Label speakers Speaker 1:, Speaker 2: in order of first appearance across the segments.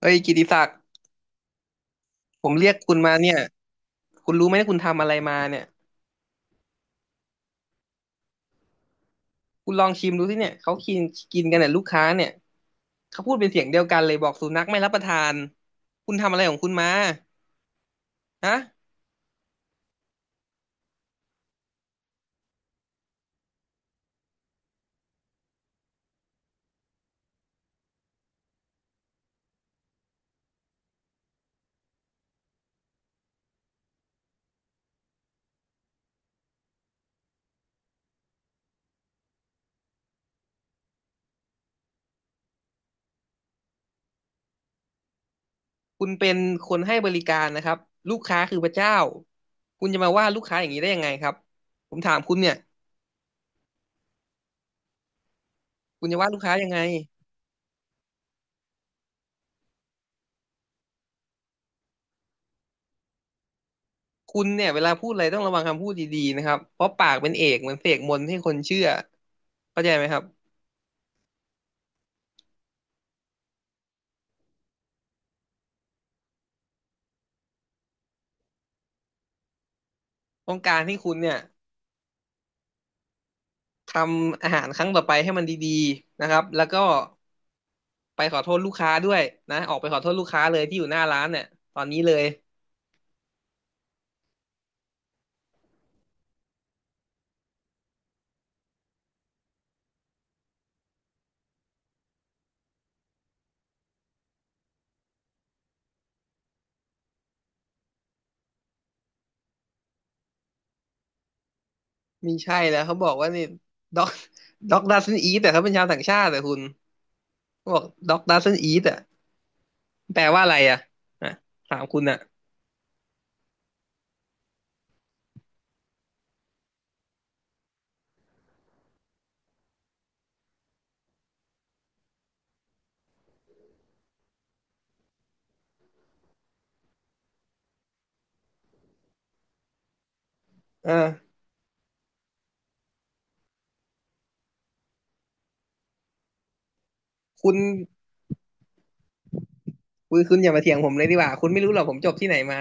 Speaker 1: เอ้ยกิติศักดิ์ผมเรียกคุณมาเนี่ยคุณรู้ไหมว่าคุณทำอะไรมาเนี่ยคุณลองชิมดูสิเนี่ยเขากินกินกันเนี่ยลูกค้าเนี่ยเขาพูดเป็นเสียงเดียวกันเลยบอกสุนัขไม่รับประทานคุณทำอะไรของคุณมาฮะคุณเป็นคนให้บริการนะครับลูกค้าคือพระเจ้าคุณจะมาว่าลูกค้าอย่างนี้ได้ยังไงครับผมถามคุณเนี่ยคุณจะว่าลูกค้ายังไงคุณเนี่ยเวลาพูดอะไรต้องระวังคำพูดดีๆนะครับเพราะปากเป็นเอกเหมือนเสกมนต์ให้คนเชื่อเข้าใจไหมครับต้องการให้คุณเนี่ย ทำอาหารครั้งต่อไปให้มันดีๆนะครับ แล้วก็ไปขอโทษลูกค้าด้วยนะ ออกไปขอโทษลูกค้าเลยที่อยู่หน้าร้านเนี่ยตอนนี้เลย มีใช่แล้วเขาบอกว่านี่ด็อกด็ อกดัซนอีแต่เขาเป็นชาวต่างชาติแต่คุณเขาบอกด็อกดัซนอีแต่แปลว่าอะไรอ่ะอ่ะถามคุณอ่ะเออคุณคุณอย่ามาเถียงผมเลยดีกว่า คุณไม่รู้หรอกผมจบที่ไหนมา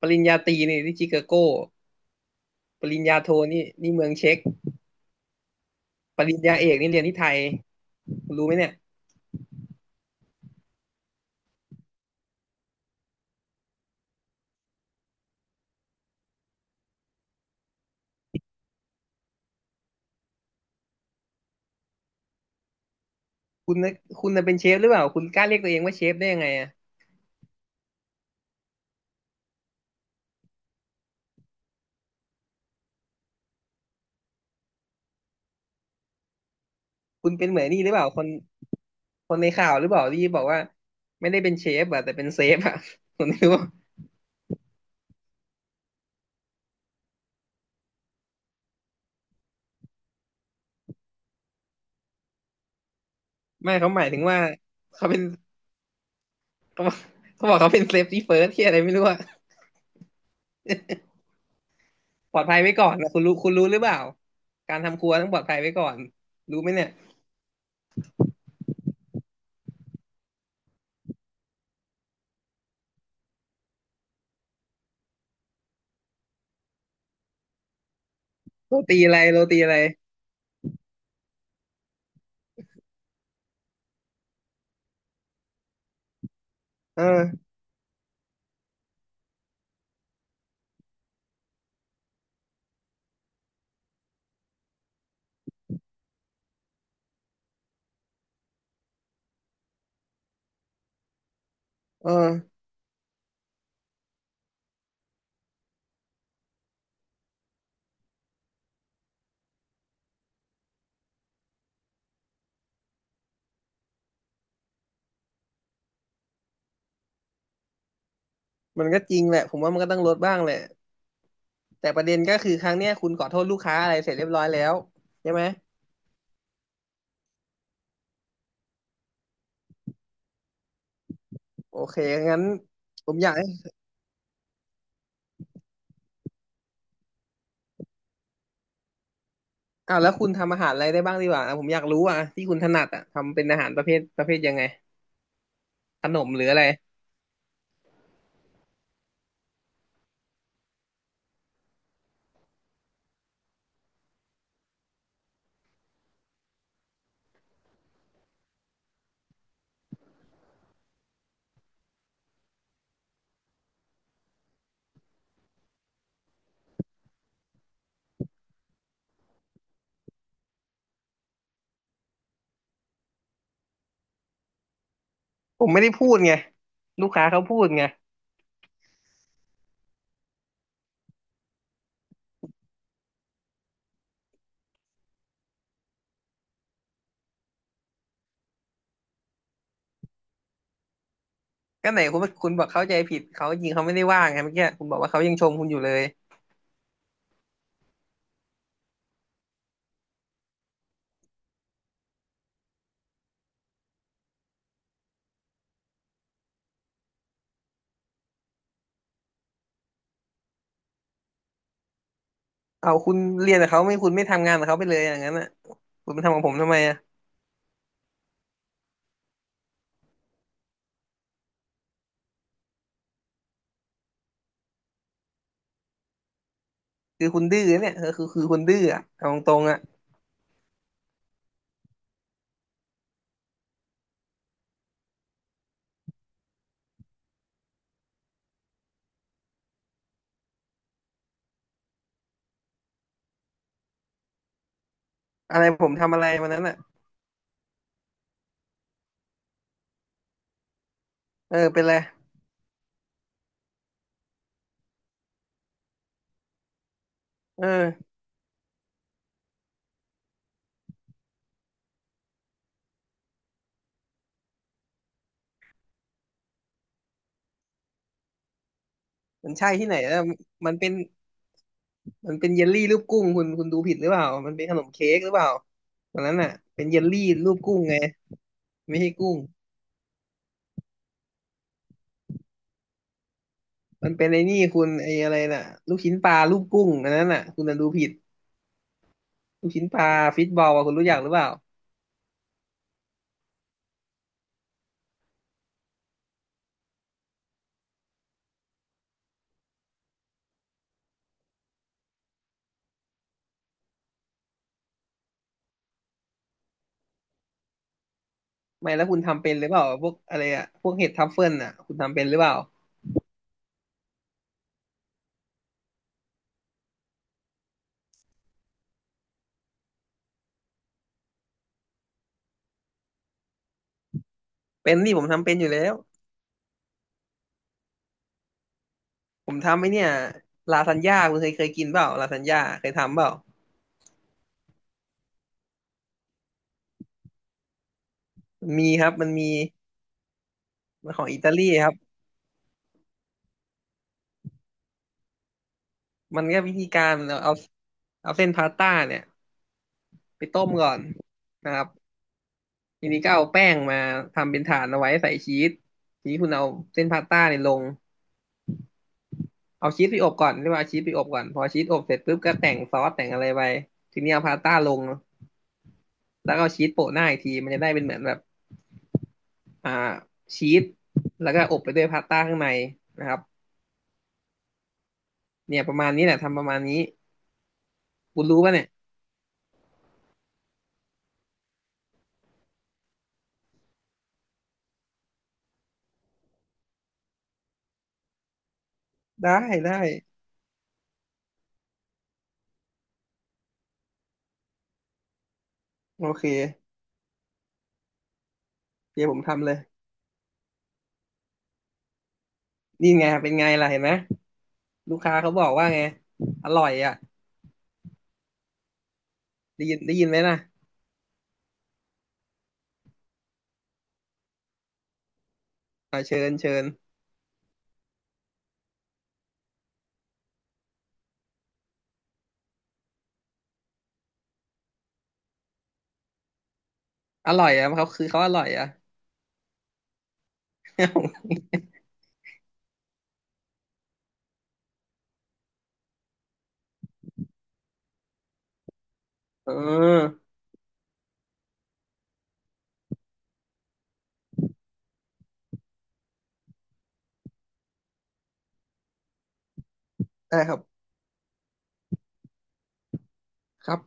Speaker 1: ปริญญาตรีนี่ที่ชิคาโกปริญญาโทนี่เมืองเช็กปริญญาเอกนี่เรียนที่ไทยคุณรู้ไหมเนี่ย คุณน่ะคุณน่ะเป็นเชฟหรือเปล่าคุณกล้าเรียกตัวเองว่าเชฟได้ยังไงอ่ะคุณเป็นเหมือนนี่หรือเปล่าคนในข่าวหรือเปล่าที่บอกว่าไม่ได้เป็นเชฟอะแต่เป็นเซฟอะ ผมไม่รู้ว่าไม่เขาหมายถึงว่าเขาเป็นเขาบอกเขาบอกเขาเป็นเซฟตี้เฟิร์สที่อะไรไม่รู้อ่ะปลอดภัยไว้ก่อนนะคุณรู้หรือเปล่าการทำครัวต้องปลอดภัยไว้ก่อนรู้ไหมเนี่ยโรตีอะไรเออเออมันก็จริงแหละผมว่ามันก็ต้องลดบ้างแหละแต่ประเด็นก็คือครั้งเนี้ยคุณขอโทษลูกค้าอะไรเสร็จเรียบร้อยแล้วใช่ไหม โอเคงั้นผมอยากให้อ่าแล้วคุณทำอาหารอะไรได้บ้างดีกว่าอ่ะผมอยากรู้อ่ะที่คุณถนัดอ่ะทำเป็นอาหารประเภทยังไงขนมหรืออะไรผมไม่ได้พูดไงลูกค้าเขาพูดไงก็ไหนคุณบอกเข้าใจผิดเขาจริงเขาไม่ได้ว่างไงเมื่อกี้คุณบอกว่าเขายังชมคุณอยู่เลยเอาคุณเรียนกับเขาไม่คุณไม่ทำงานกับเขาไปเลยอย่างนั้นอ่ะคุณมาทำกับผมทำไมอ่ะคือคุณดื้อเนี่ยเออคือคุณดื้ออ่ะเอาตรงๆอ่ะอะไรผมทำอะไรวันนั้นอ่ะเออเป็นไรเออมันใช่ที่ไหนแล้วมันเป็น มันเป็นเยลลี่รูปกุ้งคุณดูผิดหรือเปล่ามันเป็นขนมเค้กหรือเปล่าตอนนั้นน่ะเป็นเยลลี่รูปกุ้งไงไม่ใช่กุ้งมันเป็นไอ้นี่คุณไอ้อะไรน่ะลูกชิ้นปลารูปกุ้งอันนั้นน่ะคุณน่ะดูผิดลูกชิ้นปลาฟิตบอลอ่ะคุณรู้จักหรือเปล่าไม่แล้วคุณทำเป็นหรือเปล่าพวกอะไรอ่ะพวกเห็ดทัฟเฟิลน่ะคุณทำเป็นหรือเปล่าเป็นนี่ผมทำเป็นอยู่แล้วผมทำไอ้เนี่ยลาซานญ่าคุณเคยกินเปล่าลาซานญ่าเคยทำเปล่ามีครับมันมีมันของอิตาลีครับมันก็วิธีการเอาเอาเส้นพาสต้าเนี่ย ไปต้มก่อนนะครับทีนี้ก็เอาแป้งมาทำเป็นฐานเอาไว้ใส่ชีสทีนี้คุณเอาเส้นพาสต้าเนี่ยลงเอาชีสไปอบก่อนเรียกว่าเอาชีสไปอบก่อนพอชีสอบเสร็จปุ๊บก็แต่งซอสแต่งอะไรไปทีนี้เอาพาสต้าลงแล้วก็เอาชีสโปะหน้าอีกทีมันจะได้เป็นเหมือนแบบอ่าชีสแล้วก็อบไปด้วยพาสต้าข้างในนะครับเนี่ยประมาณนี้แหละทำประมาณนี้คุณรู้ป่ะเนี่ยได้ได้โอเคเดี๋ยวผมทำเลยนี่ไงเป็นไงล่ะเห็นไหมลูกค้าเขาบอกว่าไงอร่อยอ่ะได้ยินไหมนะ อ่าเชิญเชิญ อร่อยอ่ะเขาคือเขาอร่อยอ่ะ เออได้ครับครับ